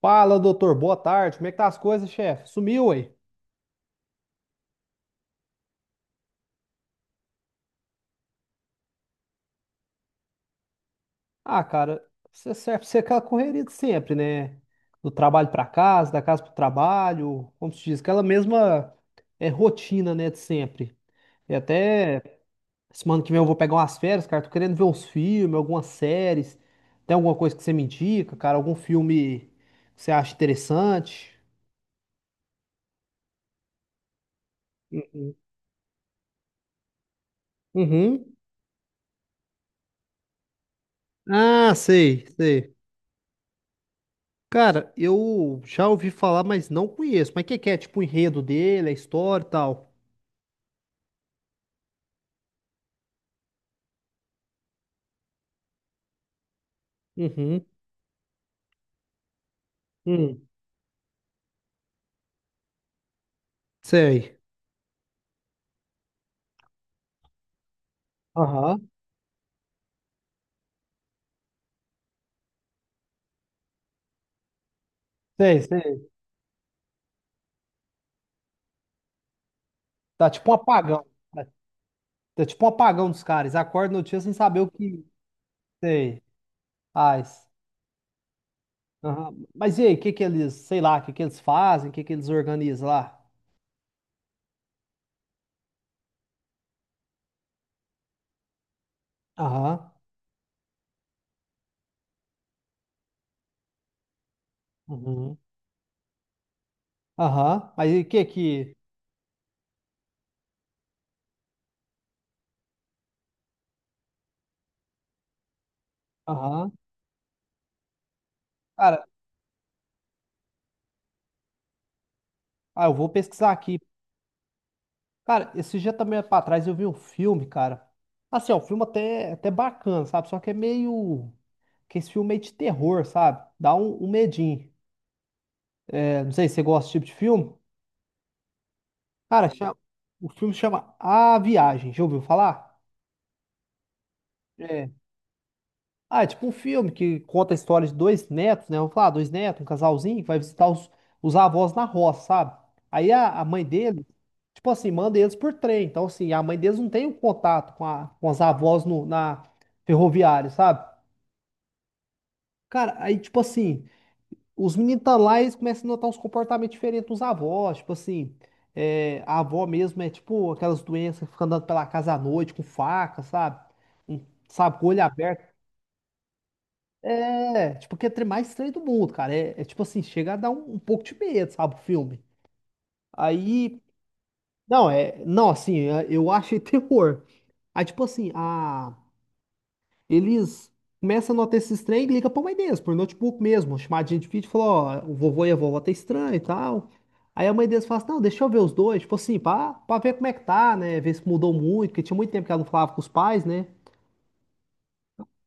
Fala, doutor. Boa tarde. Como é que tá as coisas, chefe? Sumiu aí? Ah, cara, você serve pra ser aquela correria de sempre, né? Do trabalho pra casa, da casa pro trabalho, como se diz, aquela mesma rotina, né, de sempre. E até semana que vem eu vou pegar umas férias, cara. Tô querendo ver uns filmes, algumas séries. Tem alguma coisa que você me indica, cara? Algum filme que você acha interessante? Uhum. Ah, sei, sei. Cara, eu já ouvi falar, mas não conheço. Mas o que que é? Tipo, o enredo dele, a história e tal. Uhum. Hum. Sei. Aham. Sei, sei. Tá tipo um apagão. Tá, tá tipo um apagão dos caras. Acorda no dia sem saber o que. Sei. Faz. Aham. Mas e aí, o que que eles, sei lá, o que que eles fazem, o que que eles organizam lá? Aham. Uhum. Aham. Mas e o que que. Aham. Cara, ah, eu vou pesquisar aqui. Cara, esse dia também pra trás eu vi um filme, cara. Assim, é um filme até, até bacana, sabe? Só que é meio. Que esse filme é meio de terror, sabe? Dá um, um medinho. É, não sei se você gosta desse tipo de filme. Cara, o filme chama A Viagem. Já ouviu falar? É. Ah, é tipo um filme que conta a história de dois netos, né? Vamos falar, dois netos, um casalzinho, que vai visitar os avós na roça, sabe? Aí a mãe dele, tipo assim, manda eles por trem. Então, assim, a mãe deles não tem o contato com, a, com as avós no, na ferroviária, sabe? Cara, aí, tipo assim, os meninos tá lá e eles começam a notar uns comportamentos diferentes dos avós. Tipo assim, é, a avó mesmo é tipo aquelas doenças que fica andando pela casa à noite com faca, sabe? Sabe, com o olho aberto. É, tipo, que é o trem mais estranho do mundo, cara. É, é, tipo assim, chega a dar um pouco de medo, sabe, o filme. Aí, não, é, não, assim, é, eu achei terror. Aí, tipo assim, a. Eles começam a notar esses trem e ligam pra mãe deles, por notebook mesmo, uma chamadinha de vídeo, falou, ó, o vovô e a vovó tá estranho e tal. Aí a mãe deles fala assim, não, deixa eu ver os dois, tipo assim, pra ver como é que tá, né, ver se mudou muito, porque tinha muito tempo que ela não falava com os pais, né.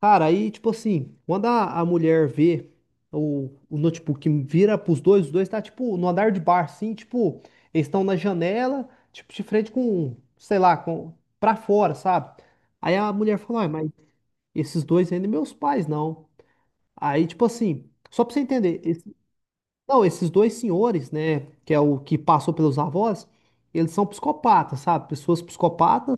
Cara, aí, tipo assim, quando a mulher vê o notebook vira pros dois, os dois tá, tipo, no andar de bar assim, tipo, eles estão na janela, tipo, de frente com, sei lá, com, pra fora, sabe? Aí a mulher falou, "Ai, mas esses dois ainda meus pais, não. Aí, tipo assim, só pra você entender, não, esses dois senhores, né, que é o que passou pelos avós, eles são psicopatas, sabe? Pessoas psicopatas,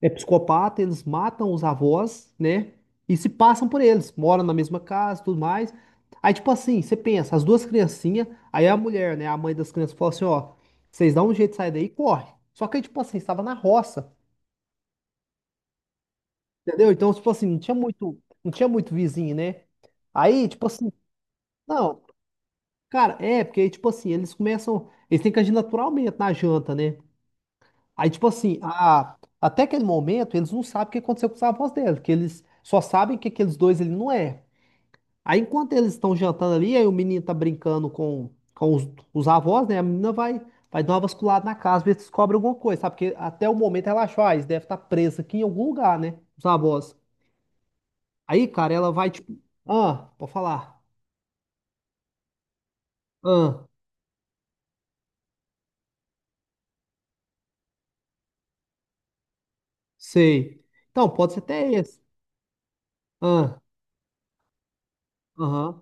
é psicopata, eles matam os avós, né, e se passam por eles, moram na mesma casa, tudo mais. Aí, tipo assim, você pensa, as duas criancinhas, aí a mulher, né, a mãe das crianças fala assim, ó, vocês dão um jeito de sair daí e corre. Só que aí, tipo assim, estava na roça, entendeu? Então, tipo assim, não tinha muito, não tinha muito vizinho, né? Aí, tipo assim, não. Cara, é, porque aí, tipo assim, eles começam. Eles têm que agir naturalmente na janta, né? Aí, tipo assim, até aquele momento, eles não sabem o que aconteceu com os avós dela, porque eles só sabem que aqueles dois ele não é. Aí, enquanto eles estão jantando ali, aí o menino tá brincando com, os avós, né? A menina vai, vai dar uma vasculada na casa, ver se descobre alguma coisa, sabe? Porque até o momento ela achou, ah, eles devem estar presos aqui em algum lugar, né? Os avós. Aí, cara, ela vai, tipo, ah, pode falar. Ah, sei. Então, pode ser até esse. Ah. Aham.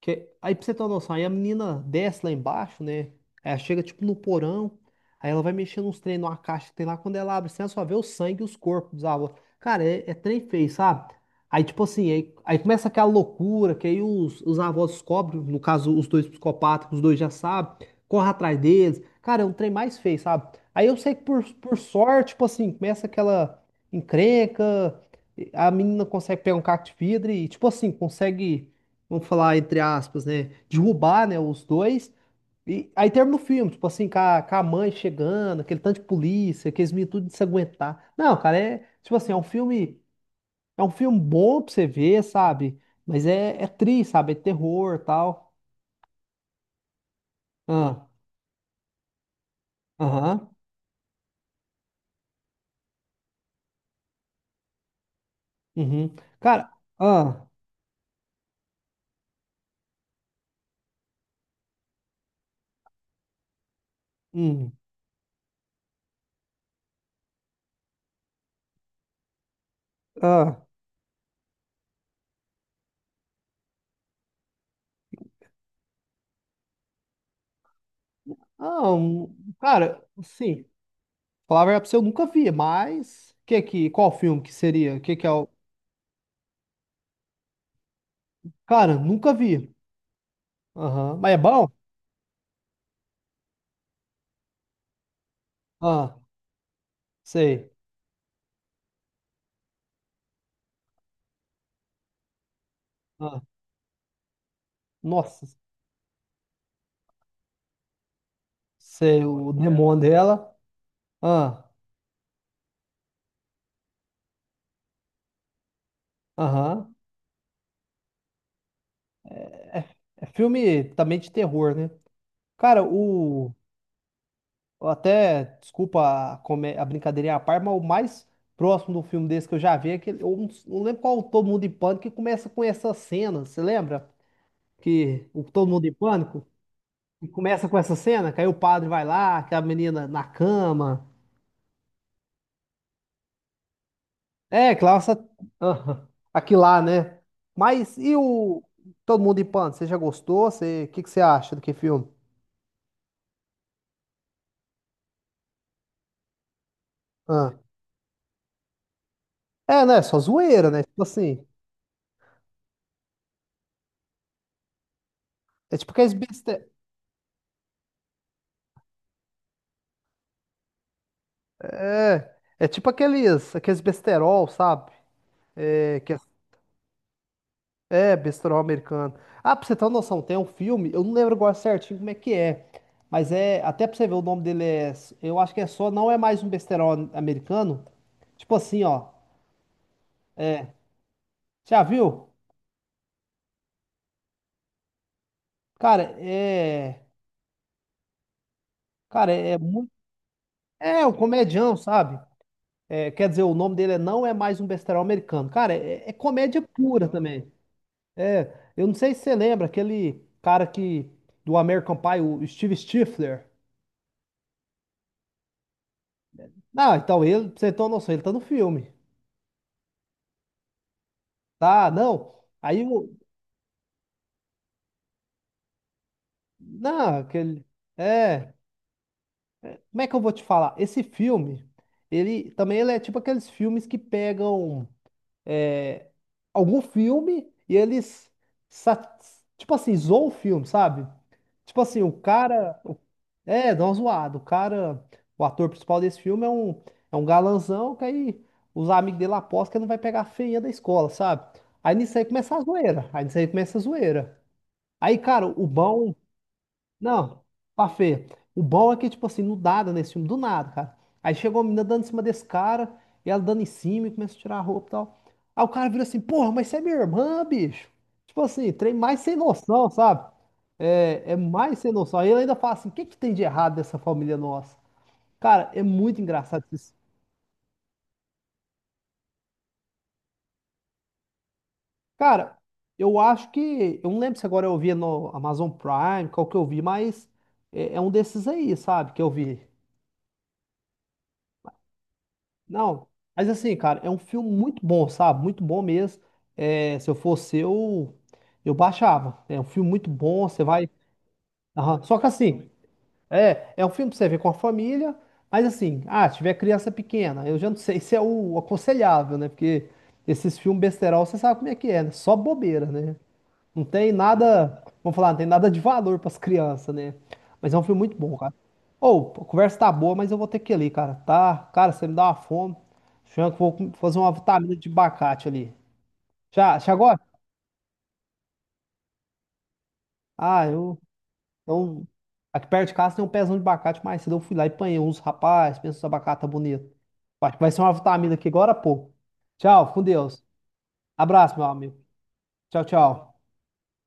Que, aí pra você ter uma noção, aí a menina desce lá embaixo, né? Ela chega tipo no porão, aí ela vai mexendo uns trem numa caixa que tem lá, quando ela abre, você só vê o sangue e os corpos dos avós. Cara, é, é trem feio, sabe? Aí tipo assim, aí começa aquela loucura, que aí os avós descobrem, no caso os dois psicopatas, que os dois já sabem, corre atrás deles. Cara, é um trem mais feio, sabe? Aí eu sei que por sorte, tipo assim, começa aquela encrenca, a menina consegue pegar um cacto de vidro e tipo assim, consegue vamos falar entre aspas, né, derrubar, né, os dois. E aí termina o filme, tipo assim, com com a mãe chegando, aquele tanto de polícia, aqueles meninos tudo de se aguentar. Não, cara, é, tipo assim, é um filme bom pra você ver, sabe? Mas é, é triste, sabe? É terror, tal. Ah, aham, uhum. Cara, ah, hum, ah, ah, um, cara, sim, falar a verdade pra você, eu nunca vi, mas que, qual filme que seria? Que é o... Cara, nunca vi. Aham, mas é bom? Ah, sei. Ah, nossa, sei o demônio dela. Ah, aham. É, é filme também de terror, né? Cara, o. Até, desculpa a, a brincadeirinha à parte, mas o mais próximo do filme desse que eu já vi é aquele. Eu não, não lembro qual é o Todo Mundo em Pânico que começa com essa cena. Você lembra? Que o Todo Mundo em Pânico que começa com essa cena, que aí o padre vai lá, que a menina na cama. É, Klaus, aham, aqui lá, né? Mas e o Todo Mundo em Pânico? Você já gostou? Você, o que que você acha do que filme? Ah. É, né? Só zoeira, né? Tipo assim, é tipo aqueles beste... é, é tipo aqueles, aqueles besterol, sabe? É, que é, é besterol americano. Ah, pra você ter uma noção, tem um filme, eu não lembro agora certinho como é que é, mas é, até pra você ver o nome dele é, eu acho que é só, não é mais um besterol americano. Tipo assim, ó, é, já viu? Cara, é. Cara, é muito. É um comedião, sabe? É, quer dizer, o nome dele é Não É Mais Um Besterol Americano. Cara, é, é comédia pura também. É, eu não sei se você lembra aquele cara que. Do American Pie, o Steve Stifler. Não, então ele, pra você ter uma noção, ele tá no filme. Tá, não. Aí o. Não, aquele. É. Como é que eu vou te falar? Esse filme, ele é tipo aqueles filmes que pegam. É, algum filme e eles, sa- tipo assim, zoam o filme, sabe? Tipo assim, o cara. O- é, dá uma zoada. O cara, o ator principal desse filme é um galanzão que aí os amigos dele apostam que ele não vai pegar a feinha da escola, sabe? Aí nisso aí começa a zoeira. Aí nisso aí começa a zoeira. Aí, cara, o bom. Não, pá, Fê. O bom é que, tipo assim, do nada, nesse filme, do nada, cara. Aí chegou a menina dando em cima desse cara, e ela dando em cima e começa a tirar a roupa e tal. Aí o cara vira assim, porra, mas você é minha irmã, bicho. Tipo assim, trem mais sem noção, sabe? É, é mais sem noção. Aí ele ainda fala assim, o que que tem de errado dessa família nossa? Cara, é muito engraçado isso. Cara, eu acho que, eu não lembro se agora eu via no Amazon Prime, qual que eu vi, mas é, é um desses aí, sabe, que eu vi. Não, mas assim, cara, é um filme muito bom, sabe? Muito bom mesmo. É, se eu fosse eu baixava. É um filme muito bom, você vai. Aham. Só que assim, é, é um filme pra você ver com a família, mas assim, ah, se tiver criança pequena, eu já não sei se é o aconselhável, né? Porque esses filmes besterol, você sabe como é que é, né? Só bobeira, né? Não tem nada, vamos falar, não tem nada de valor para as crianças, né? Mas é um filme muito bom, cara. Ou, a conversa tá boa, mas eu vou ter que ir ali, cara. Tá, cara, você me dá uma fome. Acho que eu vou fazer uma vitamina de abacate ali. Já, já agora? Ah, eu, então, aqui perto de casa tem um pezão de abacate, mas cedo eu fui lá e apanhei uns, rapaz, pensa os abacate tá bonito. Acho que vai ser uma vitamina aqui agora, pô. Tchau, fica com Deus. Abraço, meu amigo. Tchau, tchau.